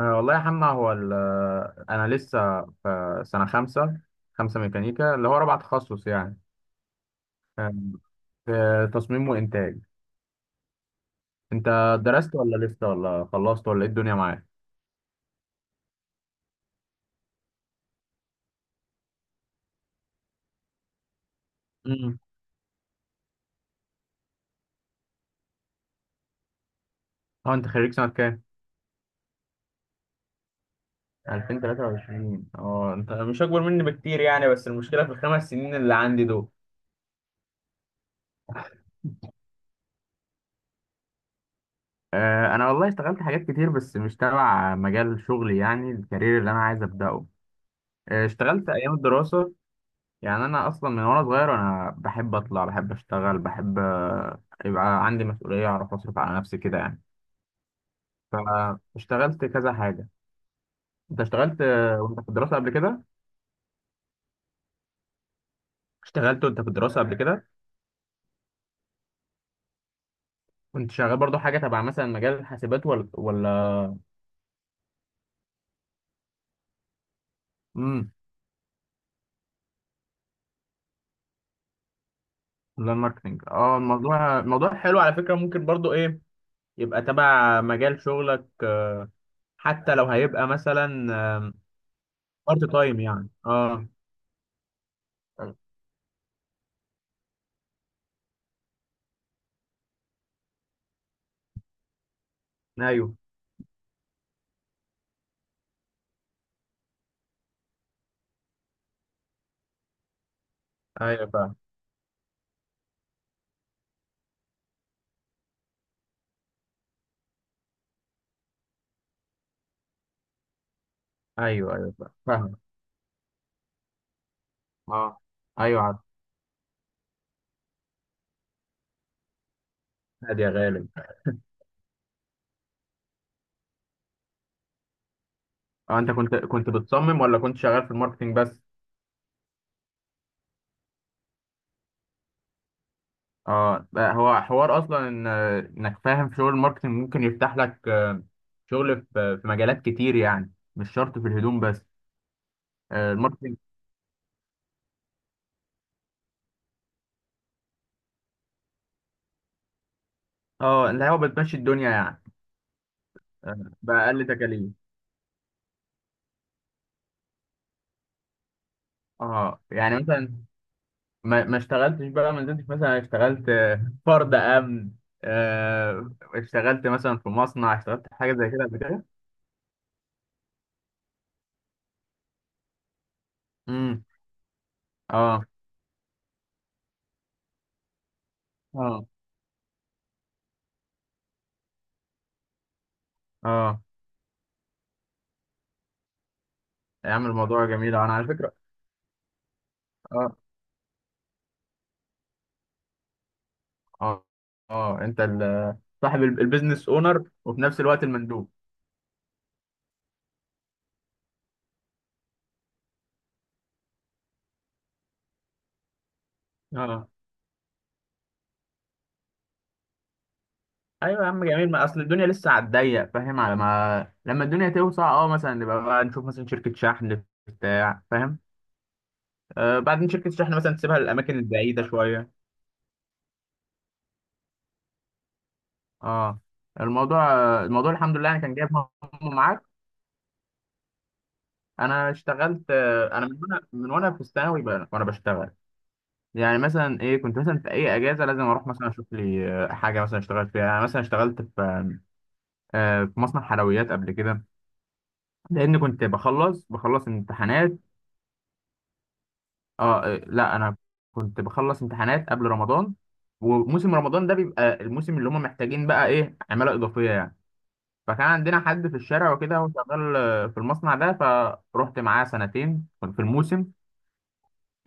والله يا حمنا هو ال- آه، انا لسه في سنه خمسه ميكانيكا اللي هو رابع تخصص يعني آه، في تصميم وانتاج. انت درست ولا لسه ولا خلصت ولا ايه الدنيا معاك؟ امم اه، انت خريج سنه كام؟ 2023. اه انت مش اكبر مني بكتير يعني، بس المشكله في الخمس سنين اللي عندي دول. انا والله اشتغلت حاجات كتير بس مش تبع مجال شغلي، يعني الكارير اللي انا عايز ابداه. اشتغلت ايام الدراسه. يعني انا اصلا من وانا صغير، انا بحب اطلع، بحب اشتغل، بحب يبقى عندي مسؤوليه، اعرف اصرف على نفسي كده يعني. فاشتغلت كذا حاجه. انت اشتغلت وانت في الدراسه قبل كده؟ اشتغلت وانت في الدراسه قبل كده؟ كنت شغال برضو حاجه تبع مثلا مجال الحاسبات ولا؟ امم. اونلاين ماركتنج. اه الموضوع، الموضوع حلو على فكره، ممكن برضو ايه يبقى تبع مجال شغلك. حتى لو هيبقى مثلا بارت تايم يعني اه. ايوه ايوه فاهم. ايوه ايوه فاهم. اه. ايوه عارف. عادي يا غالب. اه، انت كنت بتصمم ولا كنت شغال في الماركتينج بس؟ اه بقى هو حوار اصلا ان انك فاهم في شغل الماركتينج، ممكن يفتح لك شغل في مجالات كتير يعني، مش شرط في الهدوم بس. الماركتينج. اه، اللي هو بتمشي الدنيا يعني، آه، بأقل تكاليف. اه يعني مثلا، ما اشتغلتش بقى، ما نزلتش مثلا اشتغلت فرد امن. اشتغلت مثلا في مصنع، اشتغلت في حاجه زي كده قبل كده. امم. اه. اه. اه يعمل الموضوع جميل، انا على فكره. اه. اه. اه انت صاحب البيزنس اونر وفي نفس الوقت المندوب. اه. ايوه يا عم جميل، ما اصل الدنيا لسه على الضيق فاهم، على ما لما الدنيا توسع اه مثلا نبقى بقى نشوف مثلا شركه شحن بتاع فاهم. آه بعدين شركه شحن مثلا تسيبها للاماكن البعيده شويه. اه. الموضوع، الموضوع الحمد لله انا كان جايب همه معاك. انا اشتغلت انا من وانا في وانا بشتغل. يعني مثلا ايه، كنت مثلا في اي اجازه لازم اروح مثلا اشوف لي حاجه مثلا اشتغل فيها. انا مثلا اشتغلت في في مصنع حلويات قبل كده. لان كنت بخلص امتحانات. اه لا انا كنت بخلص امتحانات قبل رمضان، وموسم رمضان ده بيبقى الموسم اللي هم محتاجين بقى ايه عماله اضافيه يعني. فكان عندنا حد في الشارع وكده هو شغال في المصنع ده، فروحت معاه سنتين في الموسم.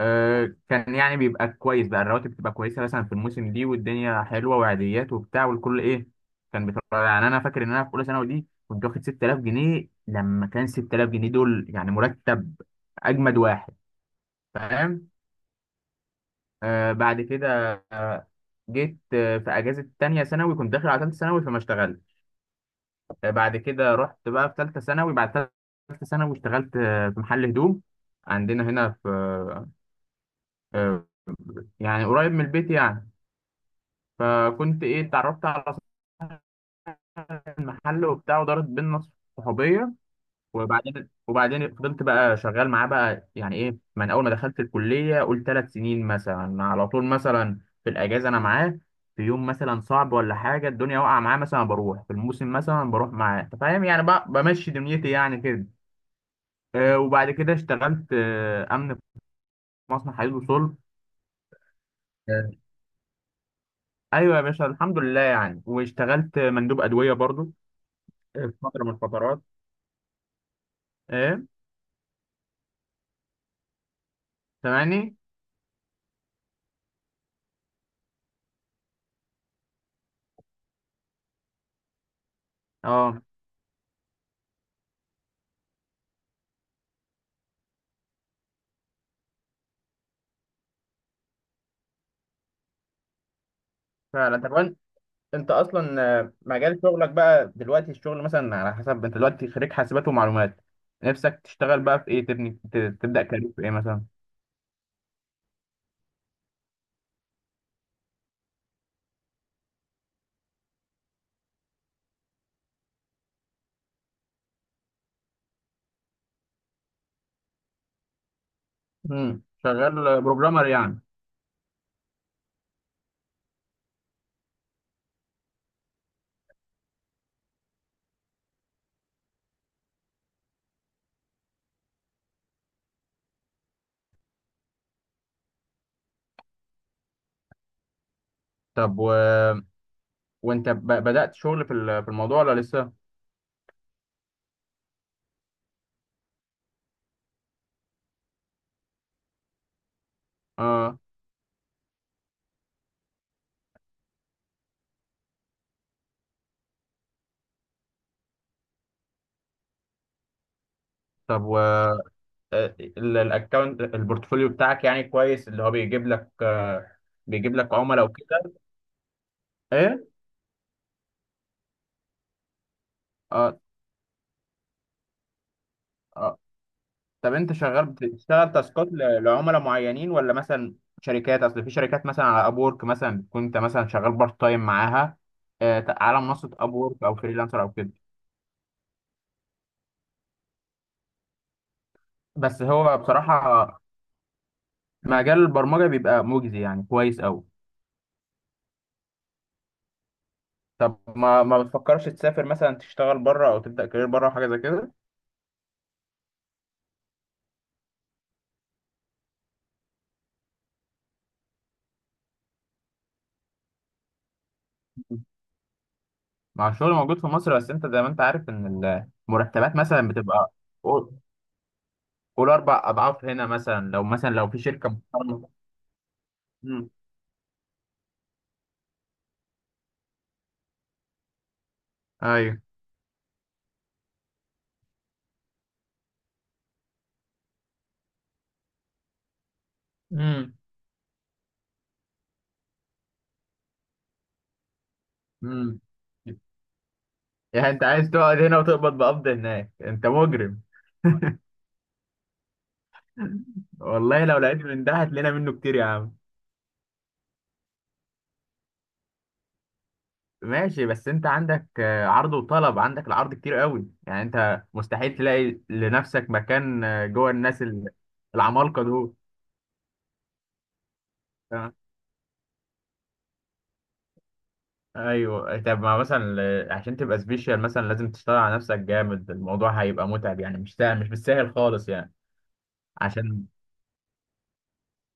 كان يعني بيبقى كويس بقى، الرواتب بتبقى كويسه مثلا في الموسم دي، والدنيا حلوه وعاديات وبتاع، والكل ايه كان بيتفرج يعني. انا فاكر ان انا في اولى ثانوي دي كنت واخد 6000 جنيه، لما كان 6000 جنيه دول يعني مرتب اجمد واحد، فاهم. آه بعد كده آه جيت آه في اجازه تانية ثانوي كنت داخل على ثالثه ثانوي فما اشتغلت. آه بعد كده رحت بقى في ثالثه ثانوي، بعد ثالثه ثانوي اشتغلت آه في محل هدوم عندنا هنا في آه يعني قريب من البيت يعني. فكنت ايه اتعرفت على محل وبتاع، ودارت بينا صحوبيه، وبعدين فضلت بقى شغال معاه بقى، يعني ايه من اول ما دخلت الكليه، قول ثلاث سنين مثلا، على طول مثلا في الاجازه انا معاه. في يوم مثلا صعب ولا حاجه الدنيا واقعه معاه مثلا بروح، في الموسم مثلا بروح معاه، انت فاهم يعني، بقى بمشي دنيتي يعني كده. وبعد كده اشتغلت امن في مصنع حديد وصلب. آه، ايوه يا باشا الحمد لله يعني. واشتغلت مندوب ادويه برضو في فتره من الفترات. ايه سامعني. اه فعلا. طب انت اصلا مجال شغلك بقى دلوقتي الشغل مثلا على حسب، انت دلوقتي خريج حاسبات ومعلومات، نفسك تشتغل بقى في ايه، تبني تبدا كارير في ايه مثلا؟ امم. شغال بروجرامر يعني. طب و... وانت ب... بدات شغل في في الموضوع ولا لسه؟ اه. طب و الاكونت البورتفوليو بتاعك يعني كويس، اللي هو بيجيب لك بيجيب لك عملاء وكده؟ ايه. اه. طب انت شغال، بتشتغل تاسكات لعملاء معينين ولا مثلا شركات؟ اصل في شركات مثلا على ابورك مثلا بتكون انت مثلا شغال بارت تايم معاها، على منصه ابورك او فريلانسر او كده. بس هو بصراحه مجال البرمجه بيبقى مجزي يعني كويس قوي. طب ما بتفكرش تسافر مثلا تشتغل بره، او تبدا كارير بره او حاجه زي كده؟ مع الشغل موجود في مصر بس انت زي ما انت عارف ان المرتبات مثلا بتبقى قول قول اربع اضعاف هنا مثلا، لو مثلا لو في شركه محترمه. مم. ايوه. مم. امم. يعني انت عايز تقعد هنا وتقبض، بقبض هناك، انت مجرم. والله لو لقيت من ده هتلاقينا منه كتير يا عم. ماشي. بس انت عندك عرض وطلب، عندك العرض كتير قوي يعني، انت مستحيل تلاقي لنفسك مكان جوه الناس العمالقة دول. آه. ايوه. طب ما مثلا عشان تبقى سبيشال مثلا لازم تشتغل على نفسك جامد، الموضوع هيبقى متعب يعني، مش سهل، مش بالسهل خالص يعني. عشان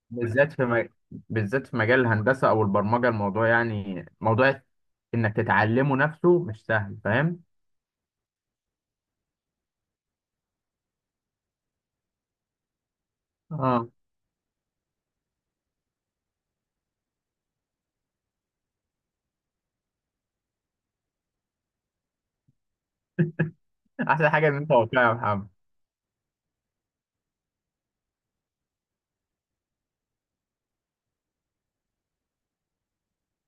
بالذات في بالذات في مجال الهندسة أو البرمجة، الموضوع يعني موضوع إنك تتعلمه نفسه مش سهل، فاهم؟ اه. أحسن حاجة إن أنت واقعي يا محمد.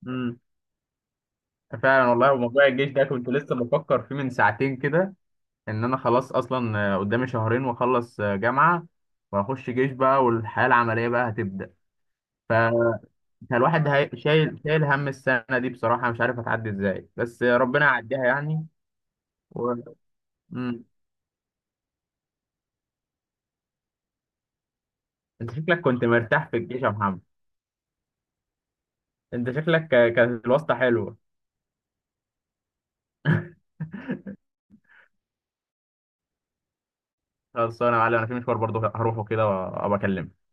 امم. فعلا والله. وموضوع الجيش ده كنت لسه بفكر فيه من ساعتين كده، إن أنا خلاص أصلا قدامي شهرين وأخلص جامعة، وأخش جيش بقى والحياة العملية بقى هتبدأ. ف- فالواحد هي... شايل هم السنة دي بصراحة، مش عارف هتعدي إزاي، بس ربنا يعديها يعني. و... مم. أنت شكلك كنت مرتاح في الجيش يا محمد. انت شكلك كانت الواسطة حلوة. خلاص انا يا معلم، انا في مشوار برضه هروحه كده وابقى اكلمك.